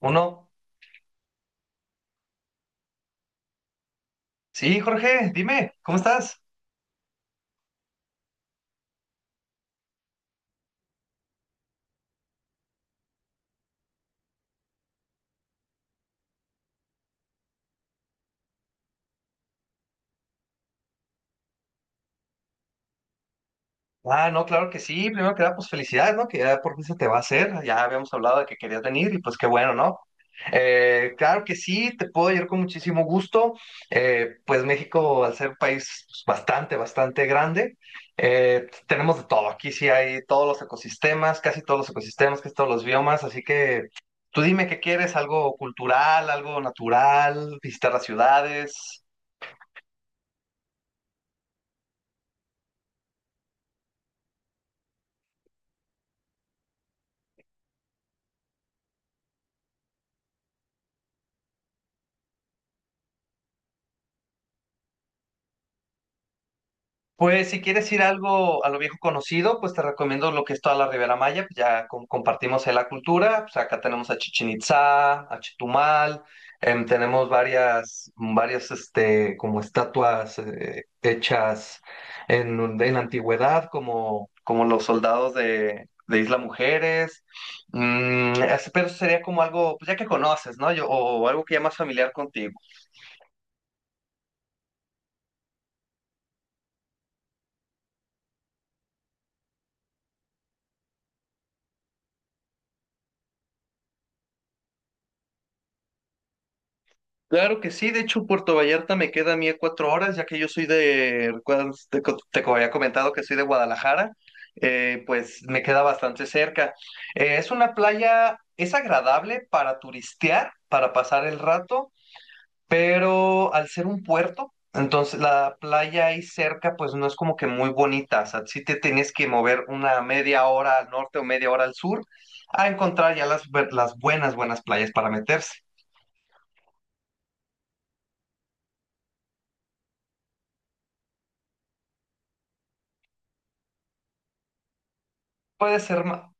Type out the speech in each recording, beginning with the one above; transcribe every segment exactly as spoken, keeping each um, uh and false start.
Uno. Sí, Jorge, dime, ¿cómo estás? Ah, no, claro que sí. Primero que nada, pues felicidades, ¿no? Que ya por fin se te va a hacer. Ya habíamos hablado de que querías venir y pues qué bueno, ¿no? Eh, claro que sí, te puedo ir con muchísimo gusto. Eh, pues México, al ser un país pues, bastante, bastante grande, eh, tenemos de todo. Aquí sí hay todos los ecosistemas, casi todos los ecosistemas, casi todos los biomas. Así que tú dime qué quieres, algo cultural, algo natural, visitar las ciudades. Pues si quieres ir algo a lo viejo conocido, pues te recomiendo lo que es toda la Ribera Maya, pues ya com- compartimos ahí la cultura, pues acá tenemos a Chichén Itzá, a Chetumal. Em, tenemos varias, varias este, como estatuas eh, hechas en, en la antigüedad, como, como los soldados de, de Isla Mujeres. Mm, es- pero sería como algo, pues ya que conoces, ¿no? Yo, o algo que ya más familiar contigo. Claro que sí, de hecho Puerto Vallarta me queda a mí a cuatro horas, ya que yo soy de, recuerdas, te, co- te co- había comentado que soy de Guadalajara. Eh, pues me queda bastante cerca. Eh, es una playa, es agradable para turistear, para pasar el rato, pero al ser un puerto, entonces la playa ahí cerca pues no es como que muy bonita, o sea, sí te tienes que mover una media hora al norte o media hora al sur a encontrar ya las, las buenas, buenas playas para meterse. Puede ser ma-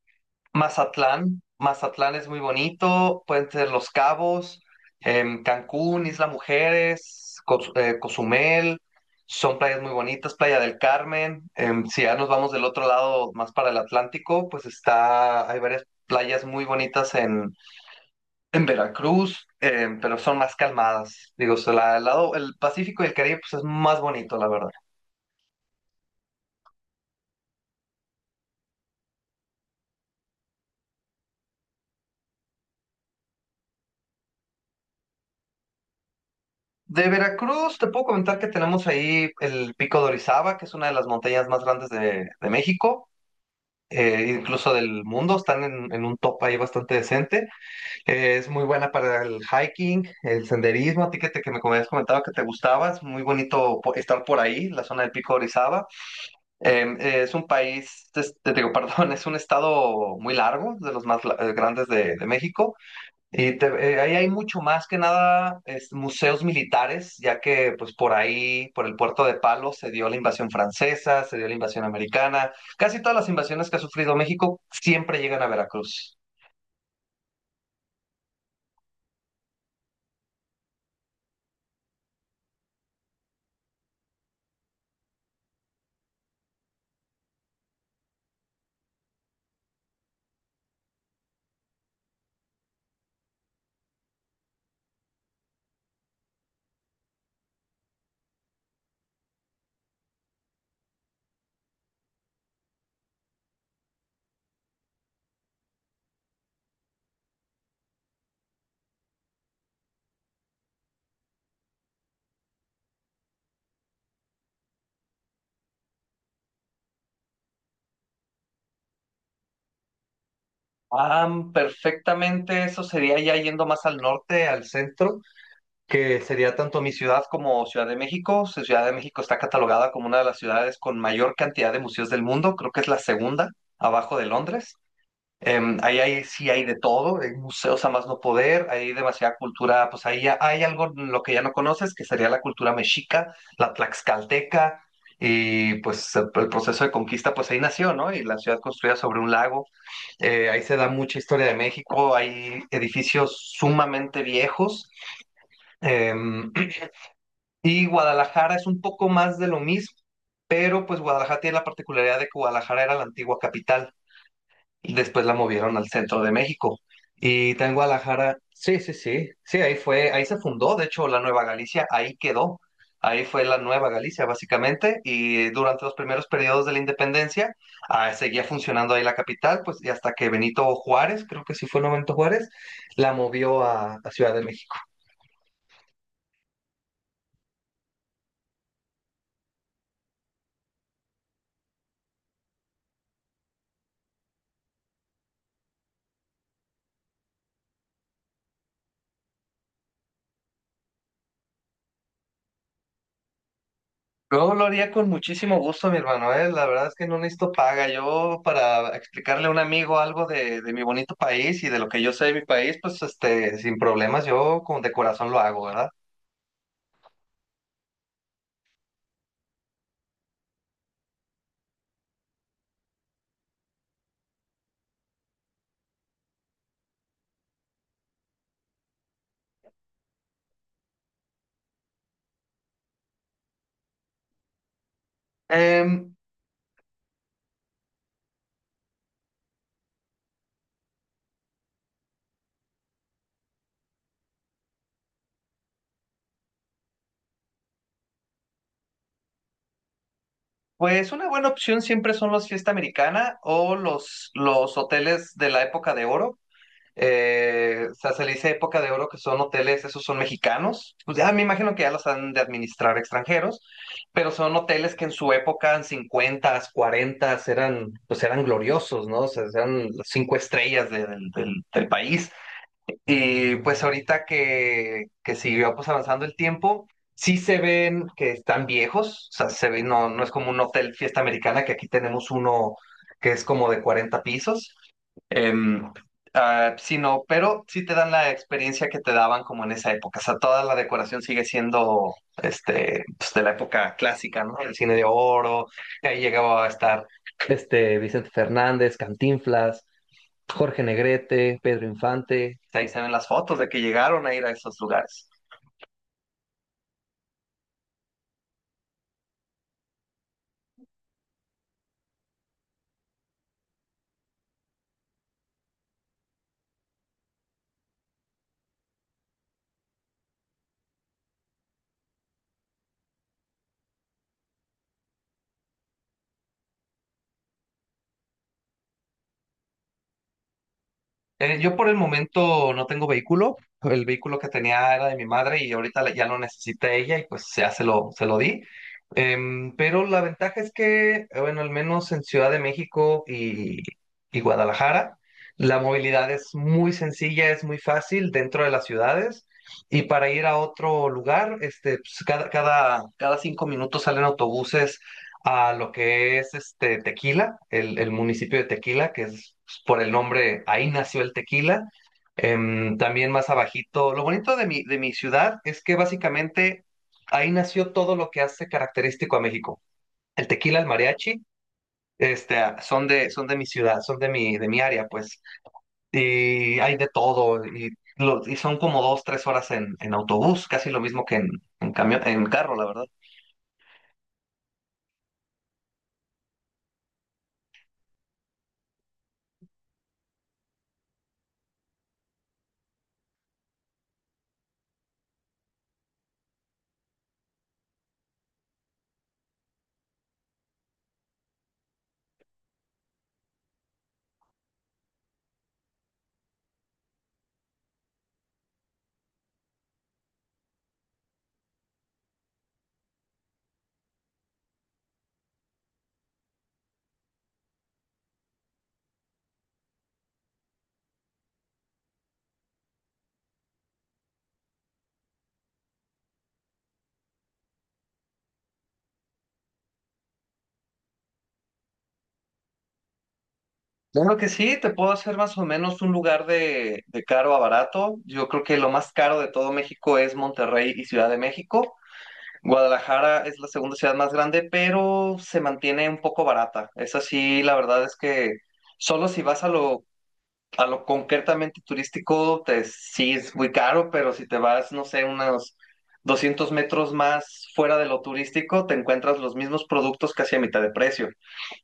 Mazatlán, Mazatlán es muy bonito, pueden ser Los Cabos, em, Cancún, Isla Mujeres, Cozum- eh, Cozumel, son playas muy bonitas, Playa del Carmen. Em, si ya nos vamos del otro lado, más para el Atlántico, pues está, hay varias playas muy bonitas en, en Veracruz. Em, pero son más calmadas, digo, o sea, la- el lado, el Pacífico y el Caribe, pues es más bonito, la verdad. De Veracruz, te puedo comentar que tenemos ahí el Pico de Orizaba, que es una de las montañas más grandes de, de México. Eh, incluso del mundo, están en, en un top ahí bastante decente. Eh, es muy buena para el hiking, el senderismo, a ti que, te, que me habías comentado que te gustaba, es muy bonito po- estar por ahí, la zona del Pico de Orizaba. Eh, eh, es un país, es- te digo, perdón, es un estado muy largo, de los más la- eh, grandes de, de México. Y te- eh, ahí hay mucho más que nada es, museos militares, ya que pues por ahí, por el puerto de Palos, se dio la invasión francesa, se dio la invasión americana. Casi todas las invasiones que ha sufrido México siempre llegan a Veracruz. Ah, perfectamente, eso sería ya yendo más al norte, al centro, que sería tanto mi ciudad como Ciudad de México. Su- Ciudad de México está catalogada como una de las ciudades con mayor cantidad de museos del mundo, creo que es la segunda, abajo de Londres. Em, ahí hay, sí hay de todo, hay museos a más no poder, hay demasiada cultura, pues ahí ya- hay algo en lo que ya no conoces, que sería la cultura mexica, la tlaxcalteca, y pues el, el proceso de conquista, pues ahí nació, ¿no? Y la ciudad construida sobre un lago. Eh, ahí se da mucha historia de México, hay edificios sumamente viejos. em, y Guadalajara es un poco más de lo mismo, pero pues Guadalajara tiene la particularidad de que Guadalajara era la antigua capital. Después la movieron al centro de México. Y está en Guadalajara. Sí, sí, sí. Sí, ahí fue, ahí se fundó, de hecho, la Nueva Galicia, ahí quedó. Ahí fue la Nueva Galicia, básicamente. Y durante los primeros periodos de la independencia, ah, seguía funcionando ahí la capital, pues, y hasta que Benito Juárez, creo que sí fue el Benito Juárez, la movió a a Ciudad de México. Yo lo haría con muchísimo gusto, mi hermano, ¿eh? La verdad es que no necesito paga. Yo, para explicarle a un amigo algo de, de mi bonito país y de lo que yo sé de mi país, pues, este, sin problemas, yo con de corazón lo hago, ¿verdad? Em, pues una buena opción siempre son las fiesta americana o los, los hoteles de la época de oro. Eh, o sea, se le dice época de oro que son hoteles, esos son mexicanos. Pues ya me imagino que ya los han de administrar extranjeros, pero son hoteles que en su época, en cincuenta, cuarenta, eran, pues eran gloriosos, ¿no? O sea, eran las cinco estrellas de- del, del- del país. Y pues ahorita que, que siguió pues avanzando el tiempo, sí se ven que están viejos, o sea, se ven, no, no es como un hotel fiesta americana, que aquí tenemos uno que es como de cuarenta pisos. Em, ah, sí, no, pero sí te dan la experiencia que te daban como en esa época, o sea, toda la decoración sigue siendo este, pues, de la época clásica, ¿no? El cine de oro, y ahí llegaba a estar este Vicente Fernández, Cantinflas, Jorge Negrete, Pedro Infante. Ahí se ven las fotos de que llegaron a ir a esos lugares. Eh, yo por el momento no tengo vehículo. El vehículo que tenía era de mi madre y ahorita la- ya lo necesita ella y pues ya se lo, se lo di. Em, pero la ventaja es que, eh, bueno, al menos en Ciudad de México y, y Guadalajara, la movilidad es muy sencilla, es muy fácil dentro de las ciudades. Y para ir a otro lugar, este, pues, cada, cada, cada cinco minutos salen autobuses a lo que es este, Tequila, el, el municipio de Tequila, que es por el nombre, ahí nació el tequila. Em, también más abajito, lo bonito de mi, de mi ciudad es que básicamente ahí nació todo lo que hace característico a México. El tequila, el mariachi, este, ah, son de, son de mi ciudad, son de mi, de mi área, pues. Y hay de todo, y, lo- y son como dos, tres horas en, en autobús, casi lo mismo que en, en camión, en carro, la verdad. Claro que sí, te puedo hacer más o menos un lugar de, de caro a barato. Yo creo que lo más caro de todo México es Monterrey y Ciudad de México. Guadalajara es la segunda ciudad más grande, pero se mantiene un poco barata. Es así, la verdad es que solo si vas a lo, a lo, concretamente turístico, te, sí es muy caro, pero si te vas, no sé, unos doscientos metros más fuera de lo turístico, te encuentras los mismos productos casi a mitad de precio.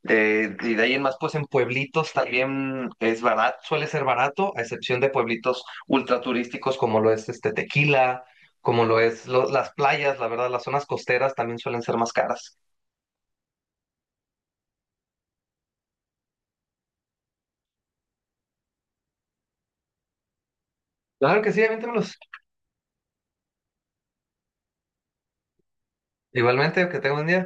Eh, y de ahí en más, pues en pueblitos también es barato, suele ser barato, a excepción de pueblitos ultraturísticos como lo es este Tequila, como lo es lo- las playas, la verdad, las zonas costeras también suelen ser más caras. Claro que sí, aviéntamelos. Igualmente, que tenga un día.